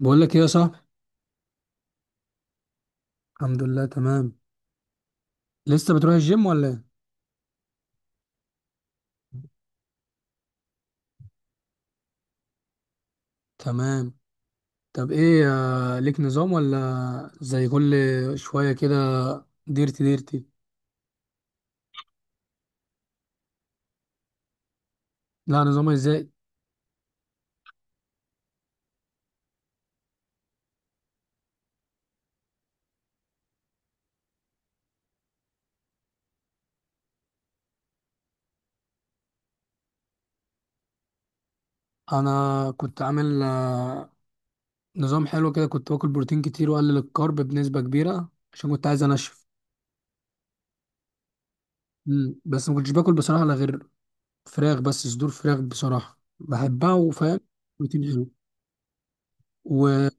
بقول لك ايه يا صاحبي. الحمد لله تمام. لسه بتروح الجيم ولا ايه؟ تمام. طب ايه ليك نظام ولا زي كل شويه كده؟ ديرتي. لا نظام ازاي. انا كنت عامل نظام حلو كده، كنت باكل بروتين كتير واقلل الكارب بنسبه كبيره عشان كنت عايز انشف. بس ما كنتش باكل بصراحه الا غير فراخ، بس صدور فراخ بصراحه بحبها وفاهم بروتين حلو، وما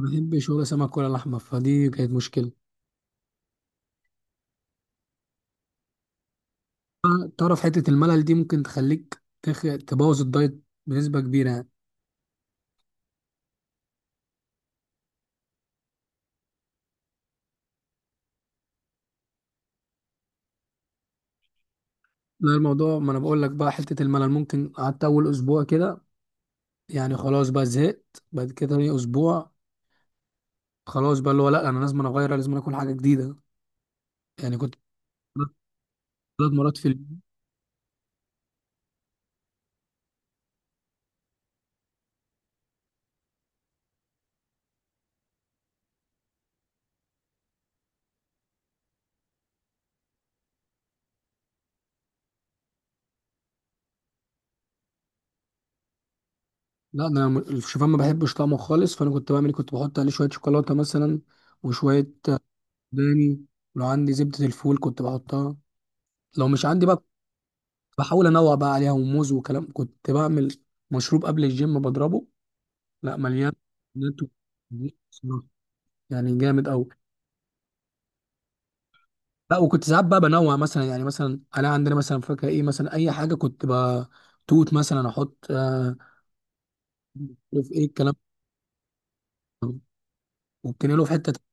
بحبش ولا سمك ولا لحمه، فدي كانت مشكله. تعرف حتة الملل دي ممكن تخليك تبوظ الدايت بنسبة كبيرة يعني. لا الموضوع، ما انا بقول لك بقى، حتة الملل، ممكن قعدت اول اسبوع كده يعني خلاص بقى زهقت، بعد كده تاني اسبوع خلاص بقى اللي هو لا انا لازم أنا اغير، لازم أنا اكل حاجة جديدة يعني. كنت ثلاث مرات في اليوم. لا ده انا الشوفان ما بحبش طعمه خالص، فانا كنت بعمل إيه؟ كنت بحط عليه شوية شوكولاتة مثلا، وشوية داني، ولو عندي زبدة الفول كنت بحطها، لو مش عندي بقى بحاول انوع بقى عليها، وموز وكلام. كنت بعمل مشروب قبل الجيم بضربه، لا مليان بنات بصراحة. يعني جامد قوي. لا وكنت ساعات بقى بنوع مثلا، يعني مثلا انا عندنا مثلا فاكهه ايه مثلا اي حاجه كنت بقى توت مثلا احط في ايه الكلام ده، وبتنقله في حته تانية.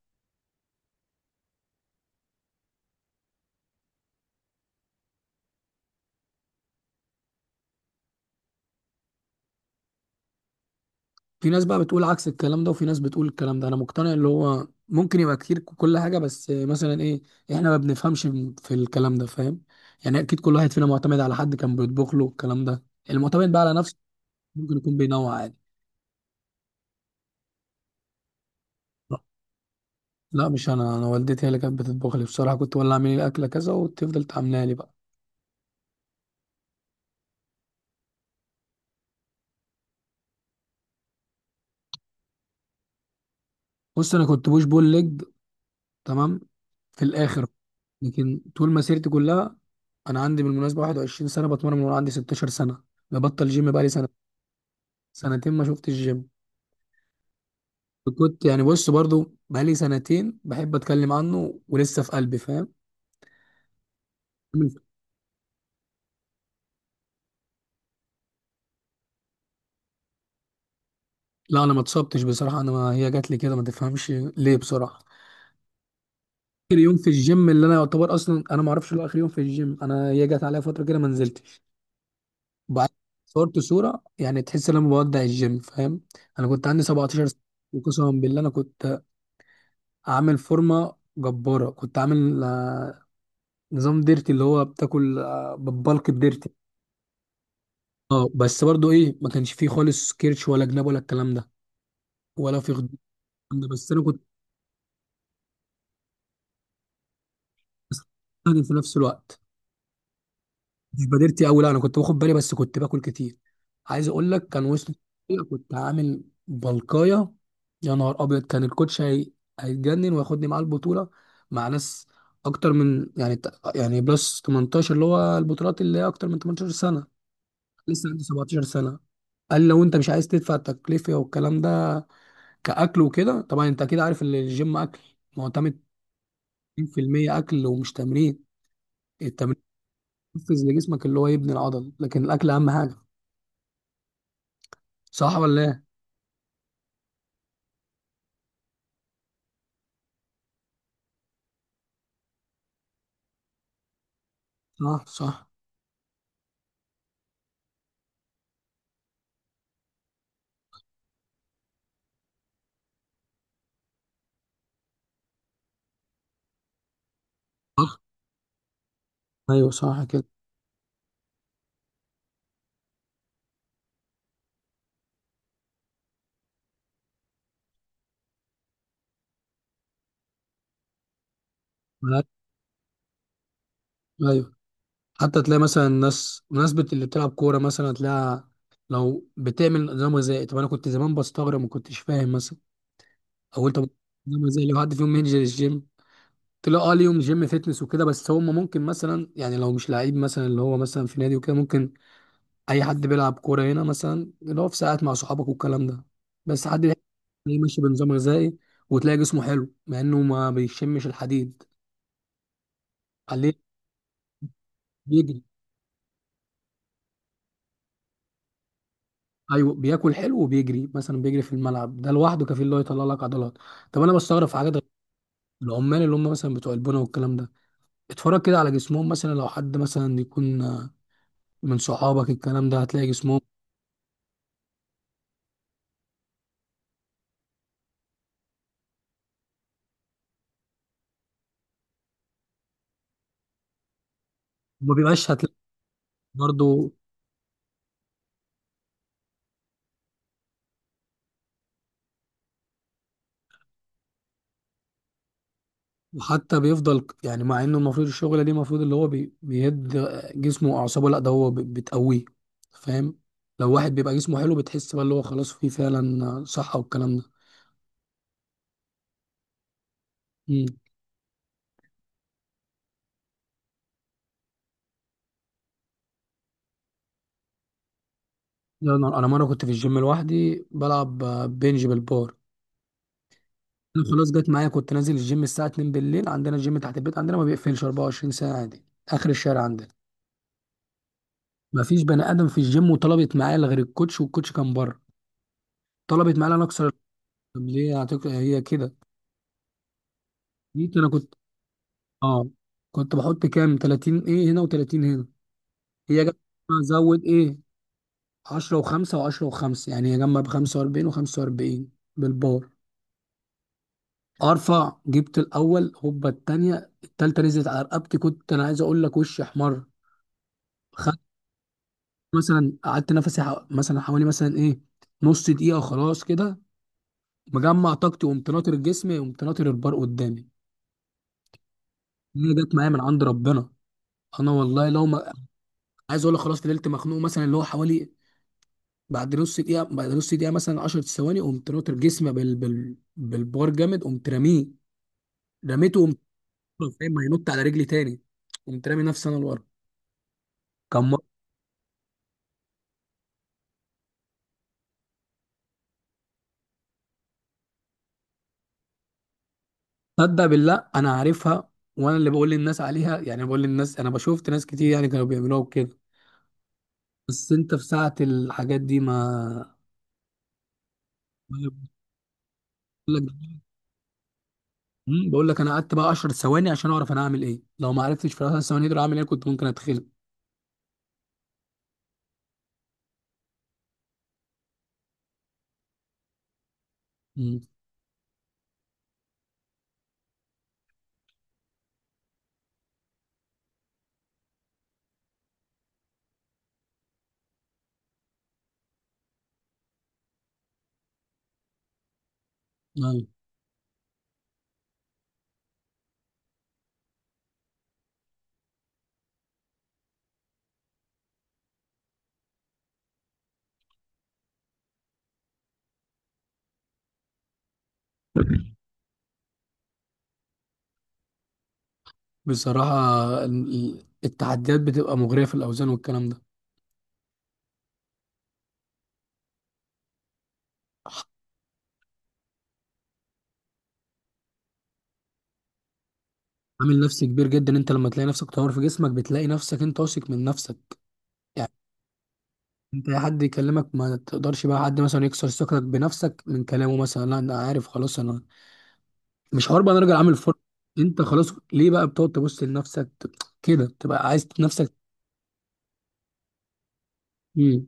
في ناس بقى بتقول عكس الكلام ده وفي ناس بتقول الكلام ده. انا مقتنع اللي هو ممكن يبقى كتير كل حاجه، بس مثلا ايه، احنا ما بنفهمش في الكلام ده فاهم. يعني اكيد كل واحد فينا معتمد على حد كان بيطبخ له الكلام ده، المعتمد بقى على نفسه ممكن يكون بينوع عادي. لا مش انا، انا والدتي هي اللي كانت بتطبخ لي بصراحه، كنت ولا اعملي لي اكله كذا وتفضل تعملها لي بقى. بص انا كنت بوش بول ليج، تمام، في الاخر. لكن طول مسيرتي كلها، انا عندي بالمناسبه 21 سنه بتمرن من وانا عندي 16 سنه، ببطل جيم بقى لي سنه، سنتين ما شفتش الجيم. كنت يعني بص برضو بقى لي سنتين بحب اتكلم عنه ولسه في قلبي فاهم. لا انا ما اتصبتش بصراحه، انا ما هي جات لي كده ما تفهمش ليه بصراحه. اخر يوم في الجيم اللي انا يعتبر اصلا انا ما اعرفش اللي هو اخر يوم في الجيم، انا هي جت عليا فتره كده ما نزلتش، وبعد صورت صوره يعني تحس ان انا بودع الجيم فاهم. انا كنت عندي 17 سنه، وقسما بالله انا كنت عامل فورمه جباره، كنت عامل نظام ديرتي، اللي هو بتاكل بالبلك بديرتي. اه بس برضو ايه، ما كانش فيه خالص كيرش ولا جناب ولا الكلام ده، ولا في الكلام ده، بس انا كنت يعني في نفس الوقت مش بادرتي قوي، لا انا كنت باخد بالي بس كنت باكل كتير. عايز اقول لك كان وصل، كنت عامل بلقايه. يا نهار ابيض، كان الكوتش هيتجنن وياخدني معاه البطوله مع ناس اكتر من، يعني، يعني بلس 18، اللي هو البطولات اللي هي اكتر من 18 سنه لسه عندي 17 سنه. قال لو انت مش عايز تدفع التكلفه والكلام ده، كاكل وكده. طبعا انت اكيد عارف ان الجيم اكل معتمد 100% اكل ومش تمرين. التمرين بيحفز لجسمك اللي هو يبني العضل، لكن الاكل اهم حاجه، صح ولا ايه؟ صح صح صح، ايوه صح كده. ملاك- ايوه حتى تلاقي مثلا الناس مناسبة اللي بتلعب كورة مثلا، تلاقيها لو بتعمل نظام غذائي. طب انا كنت زمان بستغرب، ما كنتش فاهم مثلا، او انت نظام غذائي لو حد فيهم ينزل الجيم؟ تلاقي اه ليهم جيم فيتنس وكده، بس هم ممكن مثلا يعني لو مش لعيب مثلا، اللي هو مثلا في نادي وكده ممكن، اي حد بيلعب كورة هنا مثلا، اللي هو في ساعات مع صحابك والكلام ده، بس حد يلاقيه ماشي بنظام غذائي وتلاقي جسمه حلو مع انه ما بيشمش الحديد، بيجري. ايوه بياكل حلو وبيجري، مثلا بيجري في الملعب ده لوحده كفيل اللي هو يطلع لك عضلات. طب انا بستغرب في حاجات غريبة. العمال اللي هم مثلا بتوع البنا والكلام ده، اتفرج كده على جسمهم، مثلا لو حد مثلا يكون من صحابك الكلام ده، هتلاقي جسمهم ما بيبقاش، هتلاقي برضه. وحتى بيفضل يعني، مع انه المفروض الشغله دي المفروض اللي هو بيهد جسمه واعصابه، لا ده هو بتقويه فاهم. لو واحد بيبقى جسمه حلو، بتحس بقى اللي هو خلاص فيه فعلا صحه والكلام ده. لا انا، أنا مره كنت في الجيم لوحدي بلعب بنج بالبار. انا خلاص جت معايا، كنت نازل الجيم الساعه 2 بالليل، عندنا الجيم تحت البيت عندنا، ما بيقفلش 24 ساعه عادي، اخر الشارع عندنا. ما فيش بني ادم في الجيم، وطلبت معايا إلا غير الكوتش، والكوتش كان بره. طلبت معايا انا اكسر. طب ليه هي كده. جيت انا كنت اه كنت بحط كام 30 ايه، هنا و30 هنا. هي جت زود ايه، 10 و5 و10 و5، يعني هي جنب 45 و45 بالبار. ارفع، جبت الاول هوبا، التانية، التالتة نزلت على رقبتي، كنت انا عايز اقول لك وشي احمر. خدت مثلا قعدت نفسي مثلا حوالي مثلا ايه نص دقيقة وخلاص كده، مجمع طاقتي وقمت ناطر جسمي وقمت ناطر البار قدامي. هي جت معايا من عند ربنا، انا والله لو ما، عايز اقول لك خلاص فضلت مخنوق، مثلا اللي هو حوالي بعد نص دقيقة، بعد نص دقيقة مثلا 10 ثواني، قمت ناطر جسمي بالبار جامد، قمت راميه، رميته، قمت فاهم هينط على رجلي تاني، قمت رامي نفسي انا لورا، كان. صدق بالله انا عارفها، وانا اللي بقول للناس عليها يعني، بقول للناس انا بشوفت ناس كتير يعني كانوا بيعملوها وكده. بس انت في ساعة الحاجات دي، ما بقول لك، بقول لك انا قعدت بقى 10 ثواني عشان اعرف انا هعمل ايه، لو ما عرفتش في ال 10 ثواني دول اعمل ايه كنت ممكن اتخلق. مم. أيوة. بصراحة التحديات بتبقى مغرية في الأوزان والكلام ده. عامل نفسي كبير جدا، انت لما تلاقي نفسك طور في جسمك، بتلاقي نفسك انت واثق من نفسك يعني. انت اي حد يكلمك ما تقدرش بقى حد مثلا يكسر ثقتك بنفسك من كلامه، مثلا لا انا عارف خلاص انا مش هربط، انا راجل عامل فرق. انت خلاص ليه بقى بتقعد تبص لنفسك، كده تبقى عايز نفسك. امم.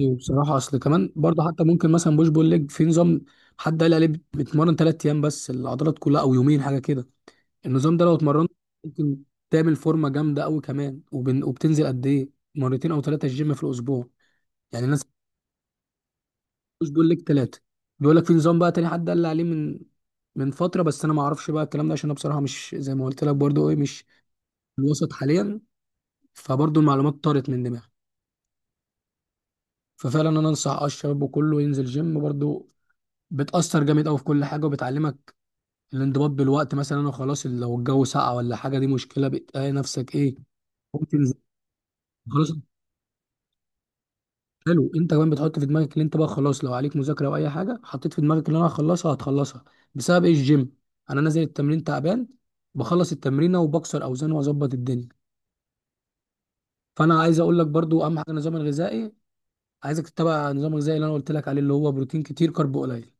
بصراحه اصل كمان برضه، حتى ممكن مثلا بوش بول ليج، في نظام حد قال عليه، بتمرن ثلاث ايام بس العضلات كلها، او يومين حاجه كده. النظام ده لو اتمرنت ممكن تعمل فورمه جامده قوي كمان، وبتنزل قد ايه مرتين او ثلاثه الجيم في الاسبوع يعني. ناس مش بيقول لك ثلاثة، بيقول لك في نظام بقى تاني حد قال لي عليه من من فترة، بس انا ما اعرفش بقى الكلام ده عشان انا بصراحة مش زي ما قلت لك برضو ايه، مش في الوسط حاليا، فبرضو المعلومات طارت من دماغي. ففعلا انا انصح الشباب وكله ينزل جيم برضو، بتأثر جامد قوي في كل حاجة، وبتعلمك الانضباط بالوقت. مثلا انا خلاص لو الجو ساقع ولا حاجة دي مشكلة، بتلاقي نفسك ايه ممكن خلاص حلو. انت كمان بتحط في دماغك ان انت بقى خلاص لو عليك مذاكره او اي حاجه، حطيت في دماغك ان انا هخلصها هتخلصها. بسبب ايه؟ الجيم. انا نازل التمرين تعبان، بخلص التمرينه وبكسر اوزان واظبط الدنيا. فانا عايز اقول لك برضو اهم حاجه النظام الغذائي. عايزك تتبع النظام الغذائي اللي انا قلت لك عليه، اللي هو بروتين كتير كارب قليل.